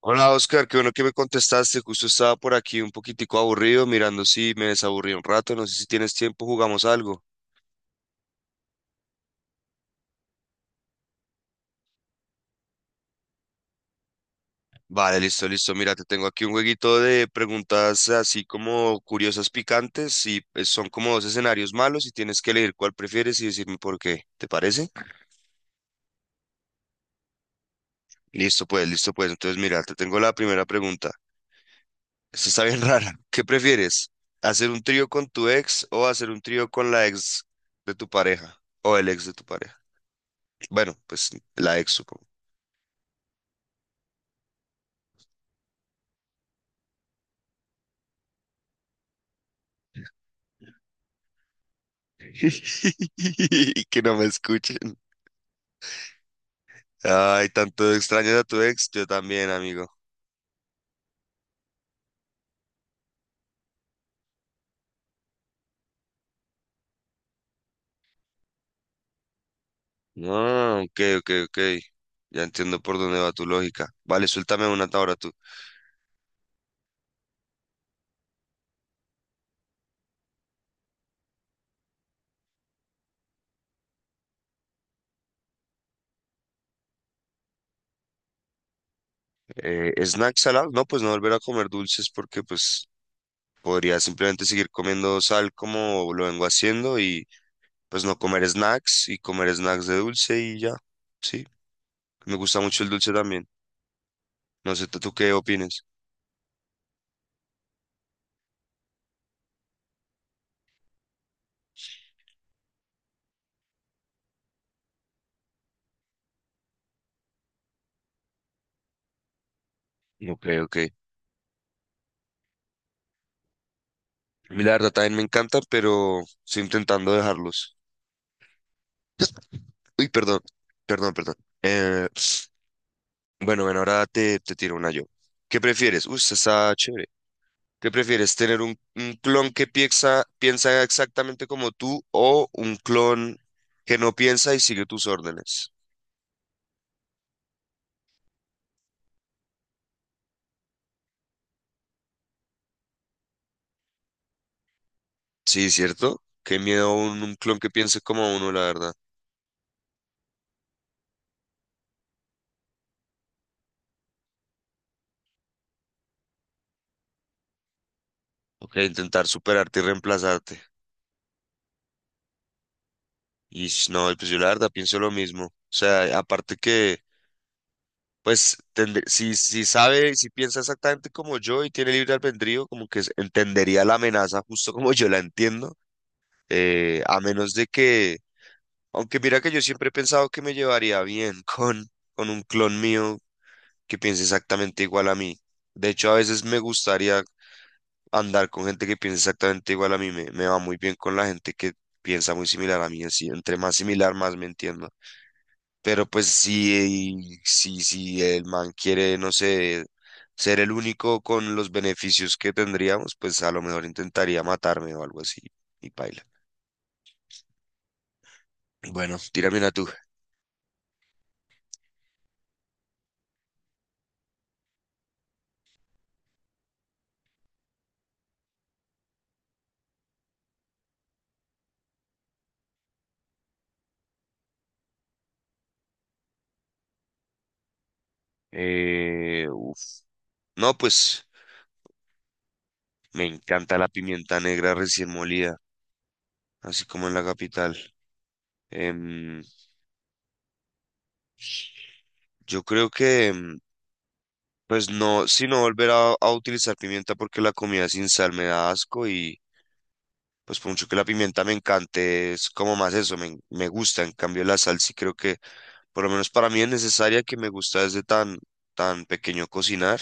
Hola Oscar, qué bueno que me contestaste. Justo estaba por aquí un poquitico aburrido, mirando si me desaburrí un rato. No sé si tienes tiempo, jugamos algo. Vale, listo, listo. Mira, te tengo aquí un jueguito de preguntas así como curiosas, picantes, y pues, son como dos escenarios malos y tienes que elegir cuál prefieres y decirme por qué. ¿Te parece? Listo, pues, listo, pues. Entonces, mira, te tengo la primera pregunta. Esta está bien rara. ¿Qué prefieres? ¿Hacer un trío con tu ex o hacer un trío con la ex de tu pareja o el ex de tu pareja? Bueno, pues la ex, supongo. Y que no me escuchen. Ay, tanto extrañas a tu ex, yo también, amigo. No, ok, ok, ok. Ya entiendo por dónde va tu lógica. Vale, suéltame una ahora tú. ¿Snacks salados? No, pues no volver a comer dulces porque pues podría simplemente seguir comiendo sal como lo vengo haciendo y pues no comer snacks y comer snacks de dulce y ya. Sí, me gusta mucho el dulce también. No sé, ¿tú qué opinas? Ok, ok. A mí la verdad también me encanta, pero estoy intentando dejarlos. Uy, perdón, perdón, perdón. Eh, bueno, bueno, ahora te tiro una yo. ¿Qué prefieres? Uy, esta está chévere. ¿Qué prefieres? ¿Tener un clon que piensa exactamente como tú o un clon que no piensa y sigue tus órdenes? Sí, ¿cierto? Qué miedo un clon que piense como uno, la verdad. Ok, intentar superarte y reemplazarte. Y no, pues yo la verdad pienso lo mismo. O sea, aparte que. Pues si sabe, si piensa exactamente como yo y tiene libre albedrío, como que entendería la amenaza justo como yo la entiendo, a menos de que, aunque mira que yo siempre he pensado que me llevaría bien con, un clon mío que piense exactamente igual a mí. De hecho, a veces me gustaría andar con gente que piense exactamente igual a mí, me va muy bien con la gente que piensa muy similar a mí, así, entre más similar, más me entiendo. Pero pues si el man quiere, no sé, ser el único con los beneficios que tendríamos, pues a lo mejor intentaría matarme o algo así y paila. Bueno, tírame una tú. Uf. No, pues me encanta la pimienta negra recién molida, así como en la capital. Em, yo creo que, pues no, si no volver a utilizar pimienta porque la comida sin sal me da asco y pues por mucho que la pimienta me encante, es como más eso, me gusta. En cambio, la sal sí creo que, por lo menos para mí es necesaria que me gusta desde tan, tan pequeño cocinar.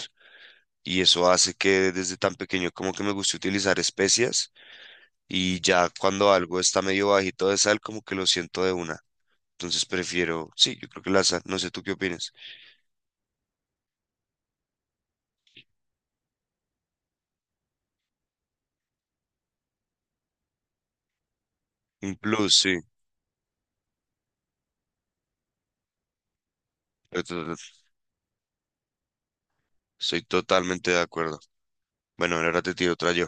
Y eso hace que desde tan pequeño como que me guste utilizar especias. Y ya cuando algo está medio bajito de sal, como que lo siento de una. Entonces prefiero, sí, yo creo que la sal, no sé tú qué opinas. En plus, sí, estoy totalmente de acuerdo. Bueno, ahora te tiro otra yo.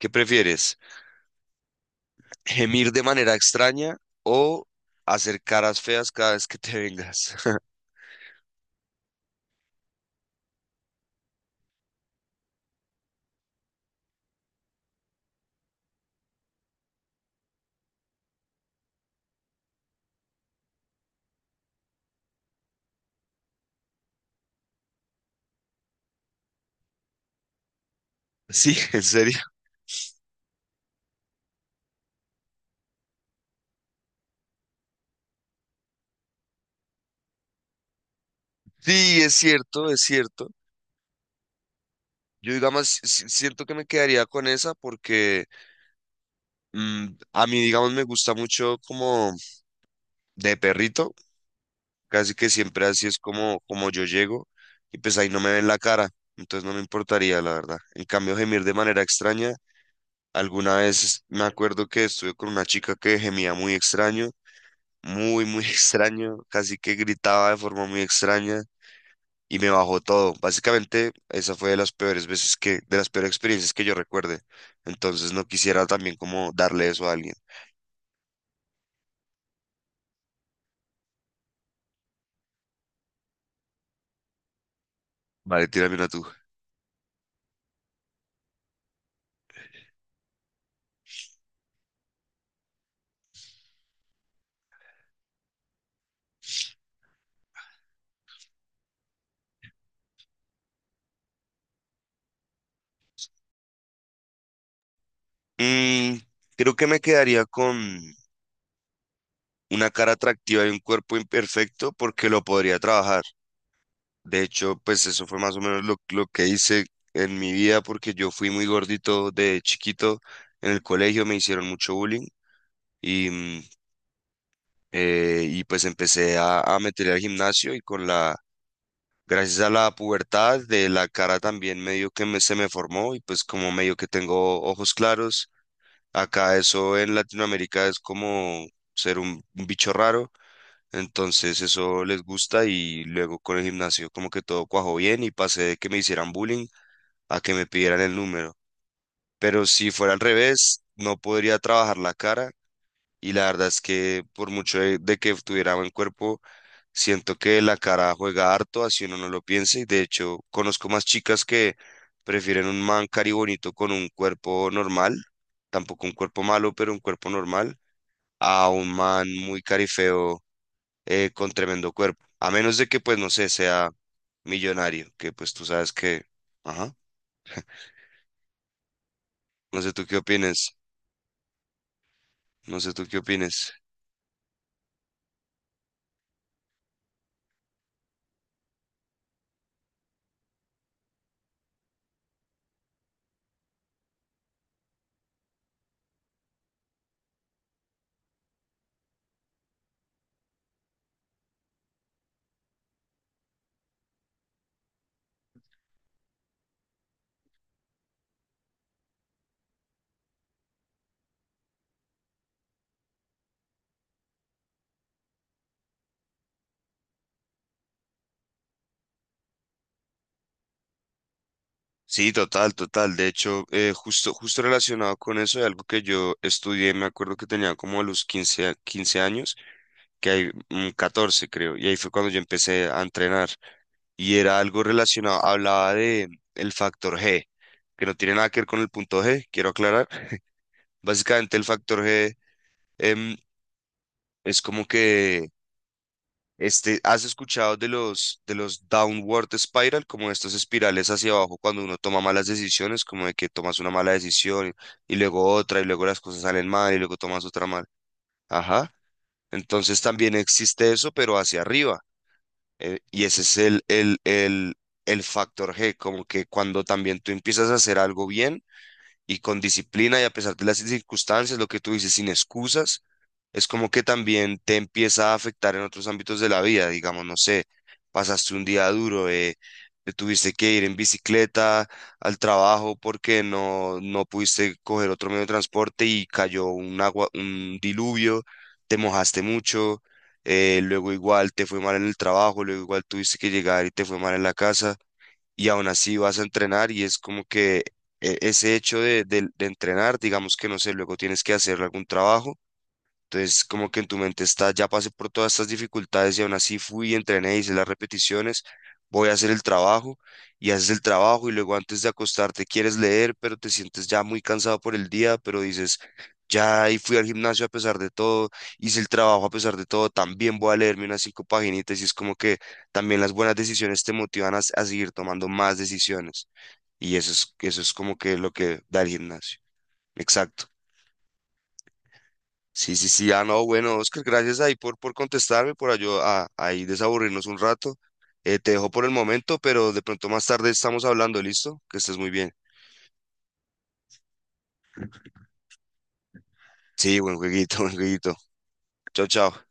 ¿Qué prefieres? Gemir de manera extraña o hacer caras feas cada vez que te vengas. Sí, en serio. Sí, es cierto, es cierto. Yo, digamos, si, siento que me quedaría con esa porque mm, a mí, digamos, me gusta mucho como de perrito, casi que siempre así es como yo llego y pues ahí no me ven la cara, entonces no me importaría, la verdad. En cambio, gemir de manera extraña, alguna vez me acuerdo que estuve con una chica que gemía muy extraño muy, muy extraño, casi que gritaba de forma muy extraña y me bajó todo. Básicamente, esa fue de las peores veces que, de las peores experiencias que yo recuerde. Entonces no quisiera también como darle eso a alguien. Vale, tírame una tú. Mm, Creo que me quedaría con una cara atractiva y un cuerpo imperfecto porque lo podría trabajar. De hecho, pues eso fue más o menos lo que hice en mi vida porque yo fui muy gordito de chiquito. En el colegio me hicieron mucho bullying y y pues empecé a meterle al gimnasio y gracias a la pubertad de la cara también medio que se me formó y pues como medio que tengo ojos claros, acá eso en Latinoamérica es como ser un bicho raro, entonces eso les gusta y luego con el gimnasio como que todo cuajó bien y pasé de que me hicieran bullying a que me pidieran el número, pero si fuera al revés, no podría trabajar la cara y la verdad es que por mucho de, que tuviera buen cuerpo, siento que la cara juega harto, así uno no lo piensa. Y de hecho, conozco más chicas que prefieren un man cari bonito con un cuerpo normal, tampoco un cuerpo malo, pero un cuerpo normal, a un man muy carifeo con tremendo cuerpo. A menos de que, pues, no sé, sea millonario, que pues tú sabes que. Ajá. No sé tú qué opines. No sé tú qué opines. Sí, total, total. De hecho, justo, justo relacionado con eso, de algo que yo estudié, me acuerdo que tenía como a los 15, 15 años, que hay 14 creo, y ahí fue cuando yo empecé a entrenar. Y era algo relacionado, hablaba de el factor G, que no tiene nada que ver con el punto G, quiero aclarar. Básicamente el factor G em, es como que. Este, ¿has escuchado de los, downward spiral, como estas espirales hacia abajo cuando uno toma malas decisiones, como de que tomas una mala decisión y luego otra y luego las cosas salen mal y luego tomas otra mal? Ajá. Entonces también existe eso, pero hacia arriba. Y ese es el factor G, como que cuando también tú empiezas a hacer algo bien y con disciplina y a pesar de las circunstancias, lo que tú dices, sin excusas es como que también te empieza a afectar en otros ámbitos de la vida, digamos, no sé, pasaste un día duro, te tuviste que ir en bicicleta al trabajo porque no pudiste coger otro medio de transporte y cayó un agua, un diluvio, te mojaste mucho, luego igual te fue mal en el trabajo, luego igual tuviste que llegar y te fue mal en la casa y aún así vas a entrenar y es como que. Ese hecho de, de entrenar, digamos que no sé, luego tienes que hacer algún trabajo entonces, como que en tu mente está, ya pasé por todas estas dificultades y aún así fui, entrené, hice las repeticiones, voy a hacer el trabajo y haces el trabajo y luego antes de acostarte quieres leer, pero te sientes ya muy cansado por el día, pero dices, ya y fui al gimnasio a pesar de todo, hice el trabajo a pesar de todo, también voy a leerme unas cinco paginitas y es como que también las buenas decisiones te motivan a seguir tomando más decisiones y eso es como que lo que da el gimnasio. Exacto. Sí, sí, sí. Ah, no, bueno, Oscar, gracias ahí por, contestarme, por ahí desaburrirnos un rato. Te dejo por el momento, pero de pronto más tarde estamos hablando, ¿listo? Que estés muy bien. Sí, buen jueguito, buen jueguito. Chao, chao.